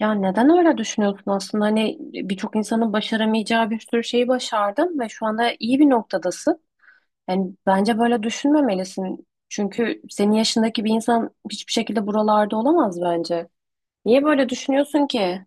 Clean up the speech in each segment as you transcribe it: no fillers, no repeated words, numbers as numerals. Ya neden öyle düşünüyorsun aslında? Hani birçok insanın başaramayacağı bir sürü şeyi başardın ve şu anda iyi bir noktadasın. Yani bence böyle düşünmemelisin. Çünkü senin yaşındaki bir insan hiçbir şekilde buralarda olamaz bence. Niye böyle düşünüyorsun ki?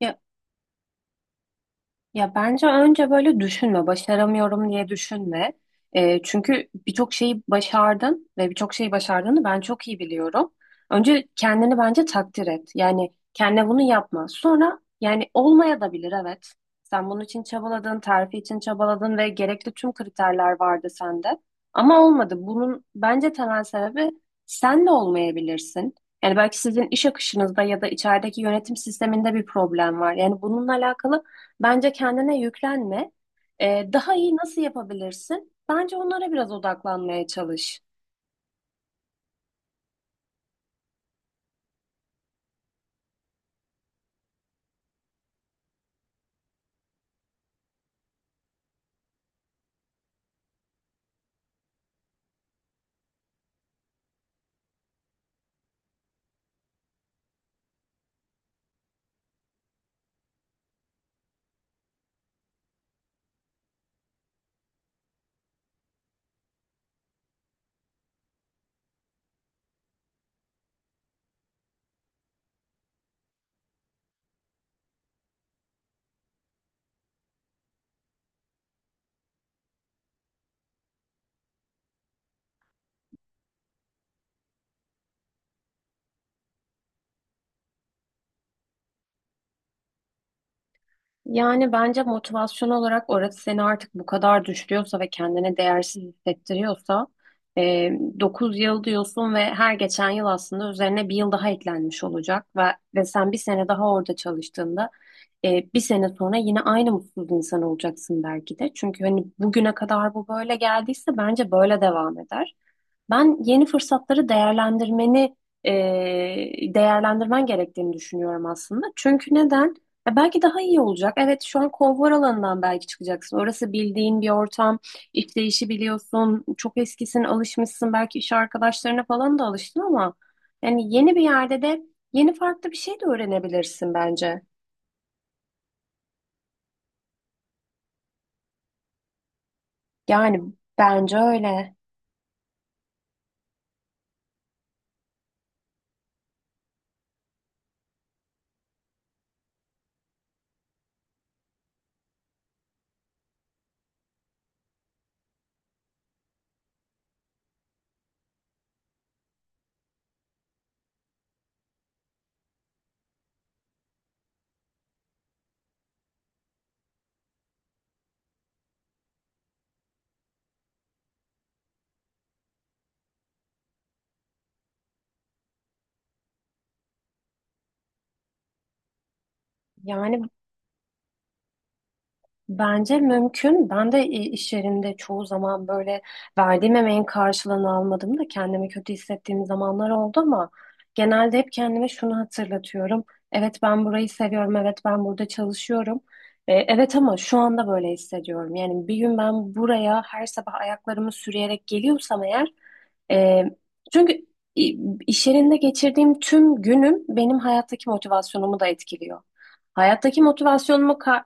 Ya Ya bence önce böyle düşünme, başaramıyorum diye düşünme. Çünkü birçok şeyi başardın ve birçok şeyi başardığını ben çok iyi biliyorum. Önce kendini bence takdir et. Yani kendine bunu yapma. Sonra yani olmaya da bilir, evet. Sen bunun için çabaladın, terfi için çabaladın ve gerekli tüm kriterler vardı sende. Ama olmadı. Bunun bence temel sebebi sen de olmayabilirsin. Yani belki sizin iş akışınızda ya da içerideki yönetim sisteminde bir problem var. Yani bununla alakalı bence kendine yüklenme. Daha iyi nasıl yapabilirsin? Bence onlara biraz odaklanmaya çalış. Yani bence motivasyon olarak orası seni artık bu kadar düşürüyorsa ve kendine değersiz hissettiriyorsa e, 9 yıl diyorsun ve her geçen yıl aslında üzerine bir yıl daha eklenmiş olacak, ve sen bir sene daha orada çalıştığında bir sene sonra yine aynı mutsuz insan olacaksın belki de. Çünkü hani bugüne kadar bu böyle geldiyse bence böyle devam eder. Ben yeni fırsatları e, değerlendirmen gerektiğini düşünüyorum aslında. Çünkü neden? Ya belki daha iyi olacak. Evet, şu an konfor alanından belki çıkacaksın. Orası bildiğin bir ortam. İşleyişi biliyorsun. Çok eskisin, alışmışsın. Belki iş arkadaşlarına falan da alıştın ama yani yeni bir yerde de yeni farklı bir şey de öğrenebilirsin bence. Yani bence öyle. Yani bence mümkün. İş yerinde çoğu zaman böyle verdiğim emeğin karşılığını almadım da kendimi kötü hissettiğim zamanlar oldu ama genelde hep kendime şunu hatırlatıyorum. Evet, ben burayı seviyorum. Evet, ben burada çalışıyorum. E, evet ama şu anda böyle hissediyorum. Yani bir gün ben buraya her sabah ayaklarımı sürüyerek geliyorsam eğer, e, çünkü i- iş yerinde geçirdiğim tüm günüm benim hayattaki motivasyonumu da etkiliyor. Hayattaki motivasyonumu ka-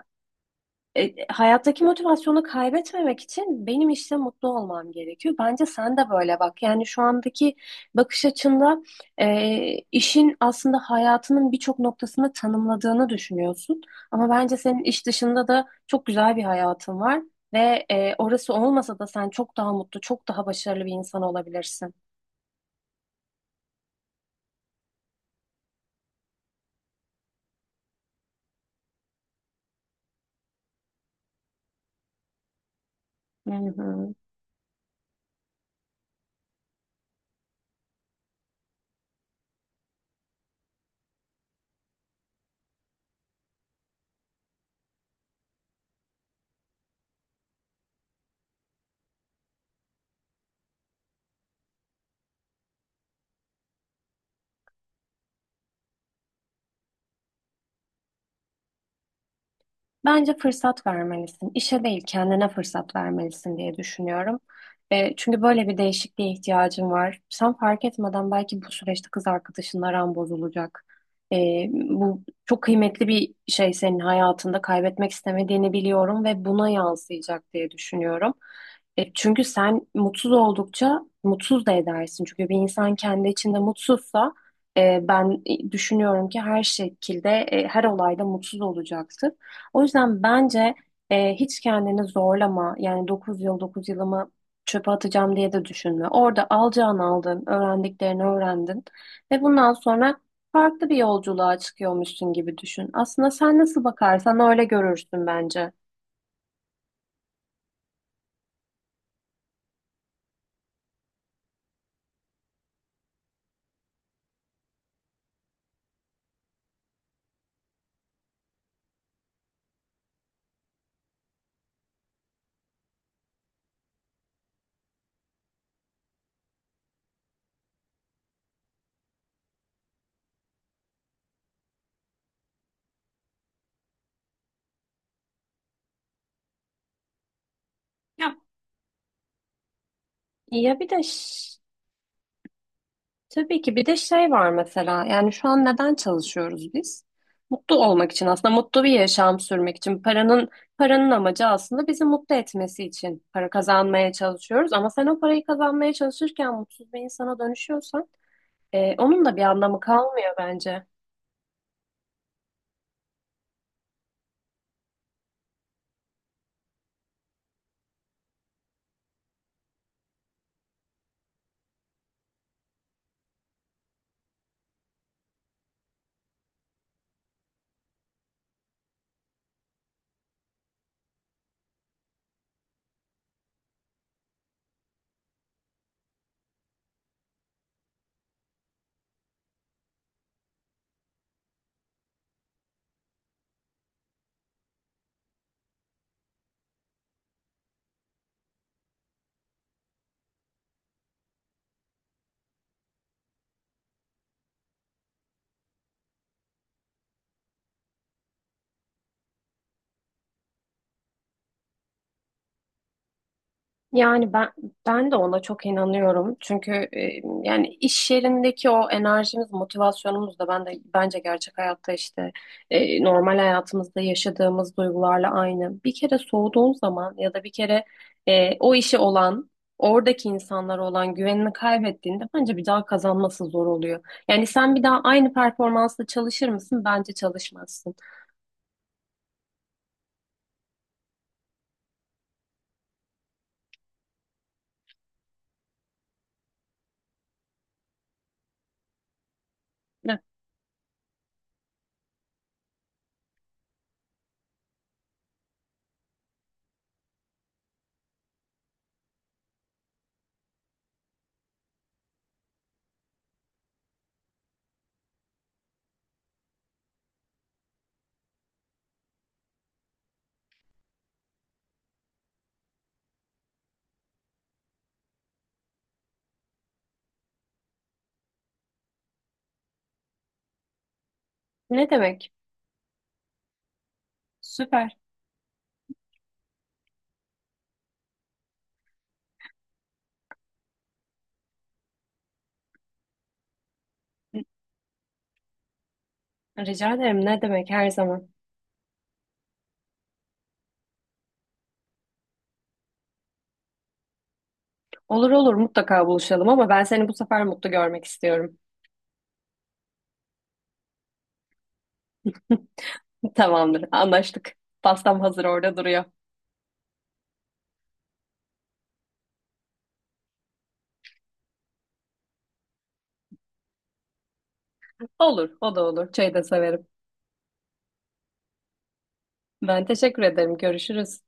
Hayattaki motivasyonu kaybetmemek için benim işte mutlu olmam gerekiyor. Bence sen de böyle bak. Yani şu andaki bakış açında e, işin aslında hayatının birçok noktasını tanımladığını düşünüyorsun. Ama bence senin iş dışında da çok güzel bir hayatın var ve orası olmasa da sen çok daha mutlu, çok daha başarılı bir insan olabilirsin. Hı hı. Bence fırsat vermelisin. İşe değil, kendine fırsat vermelisin diye düşünüyorum. E, çünkü böyle bir değişikliğe ihtiyacın var. Sen fark etmeden belki bu süreçte kız arkadaşınla aran bozulacak. E, bu çok kıymetli bir şey, senin hayatında kaybetmek istemediğini biliyorum ve buna yansıyacak diye düşünüyorum. E, çünkü sen mutsuz oldukça mutsuz da edersin. Çünkü bir insan kendi içinde mutsuzsa, ben düşünüyorum ki her şekilde, her olayda mutsuz olacaktır. O yüzden bence hiç kendini zorlama. Yani 9 yıl 9 yılımı çöpe atacağım diye de düşünme. Orada alacağını aldın, öğrendiklerini öğrendin ve bundan sonra farklı bir yolculuğa çıkıyormuşsun gibi düşün. Aslında sen nasıl bakarsan öyle görürsün bence. Ya Ya bir de ş- Tabii ki bir de şey var mesela. Yani şu an neden çalışıyoruz biz? Mutlu olmak için, aslında mutlu bir yaşam sürmek için paranın amacı aslında bizi mutlu etmesi için para kazanmaya çalışıyoruz, ama sen o parayı kazanmaya çalışırken mutsuz bir insana dönüşüyorsan onun da bir anlamı kalmıyor bence. Yani ben Ben de ona çok inanıyorum. Çünkü yani iş yerindeki o enerjimiz, motivasyonumuz da ben de bence gerçek hayatta, işte normal hayatımızda yaşadığımız duygularla aynı. Bir kere soğuduğun zaman ya da bir kere o işe olan, oradaki insanlara olan güvenini kaybettiğinde bence bir daha kazanması zor oluyor. Yani sen bir daha aynı performansla çalışır mısın? Bence çalışmazsın. Ne, ne demek? Süper. Rica ederim. Ne demek, her zaman. Olur olur, mutlaka buluşalım ama ben seni bu sefer mutlu görmek istiyorum. Tamamdır, anlaştık. Pastam hazır orada duruyor. Olur, o da olur. Çayı da severim. Ben teşekkür ederim. Görüşürüz.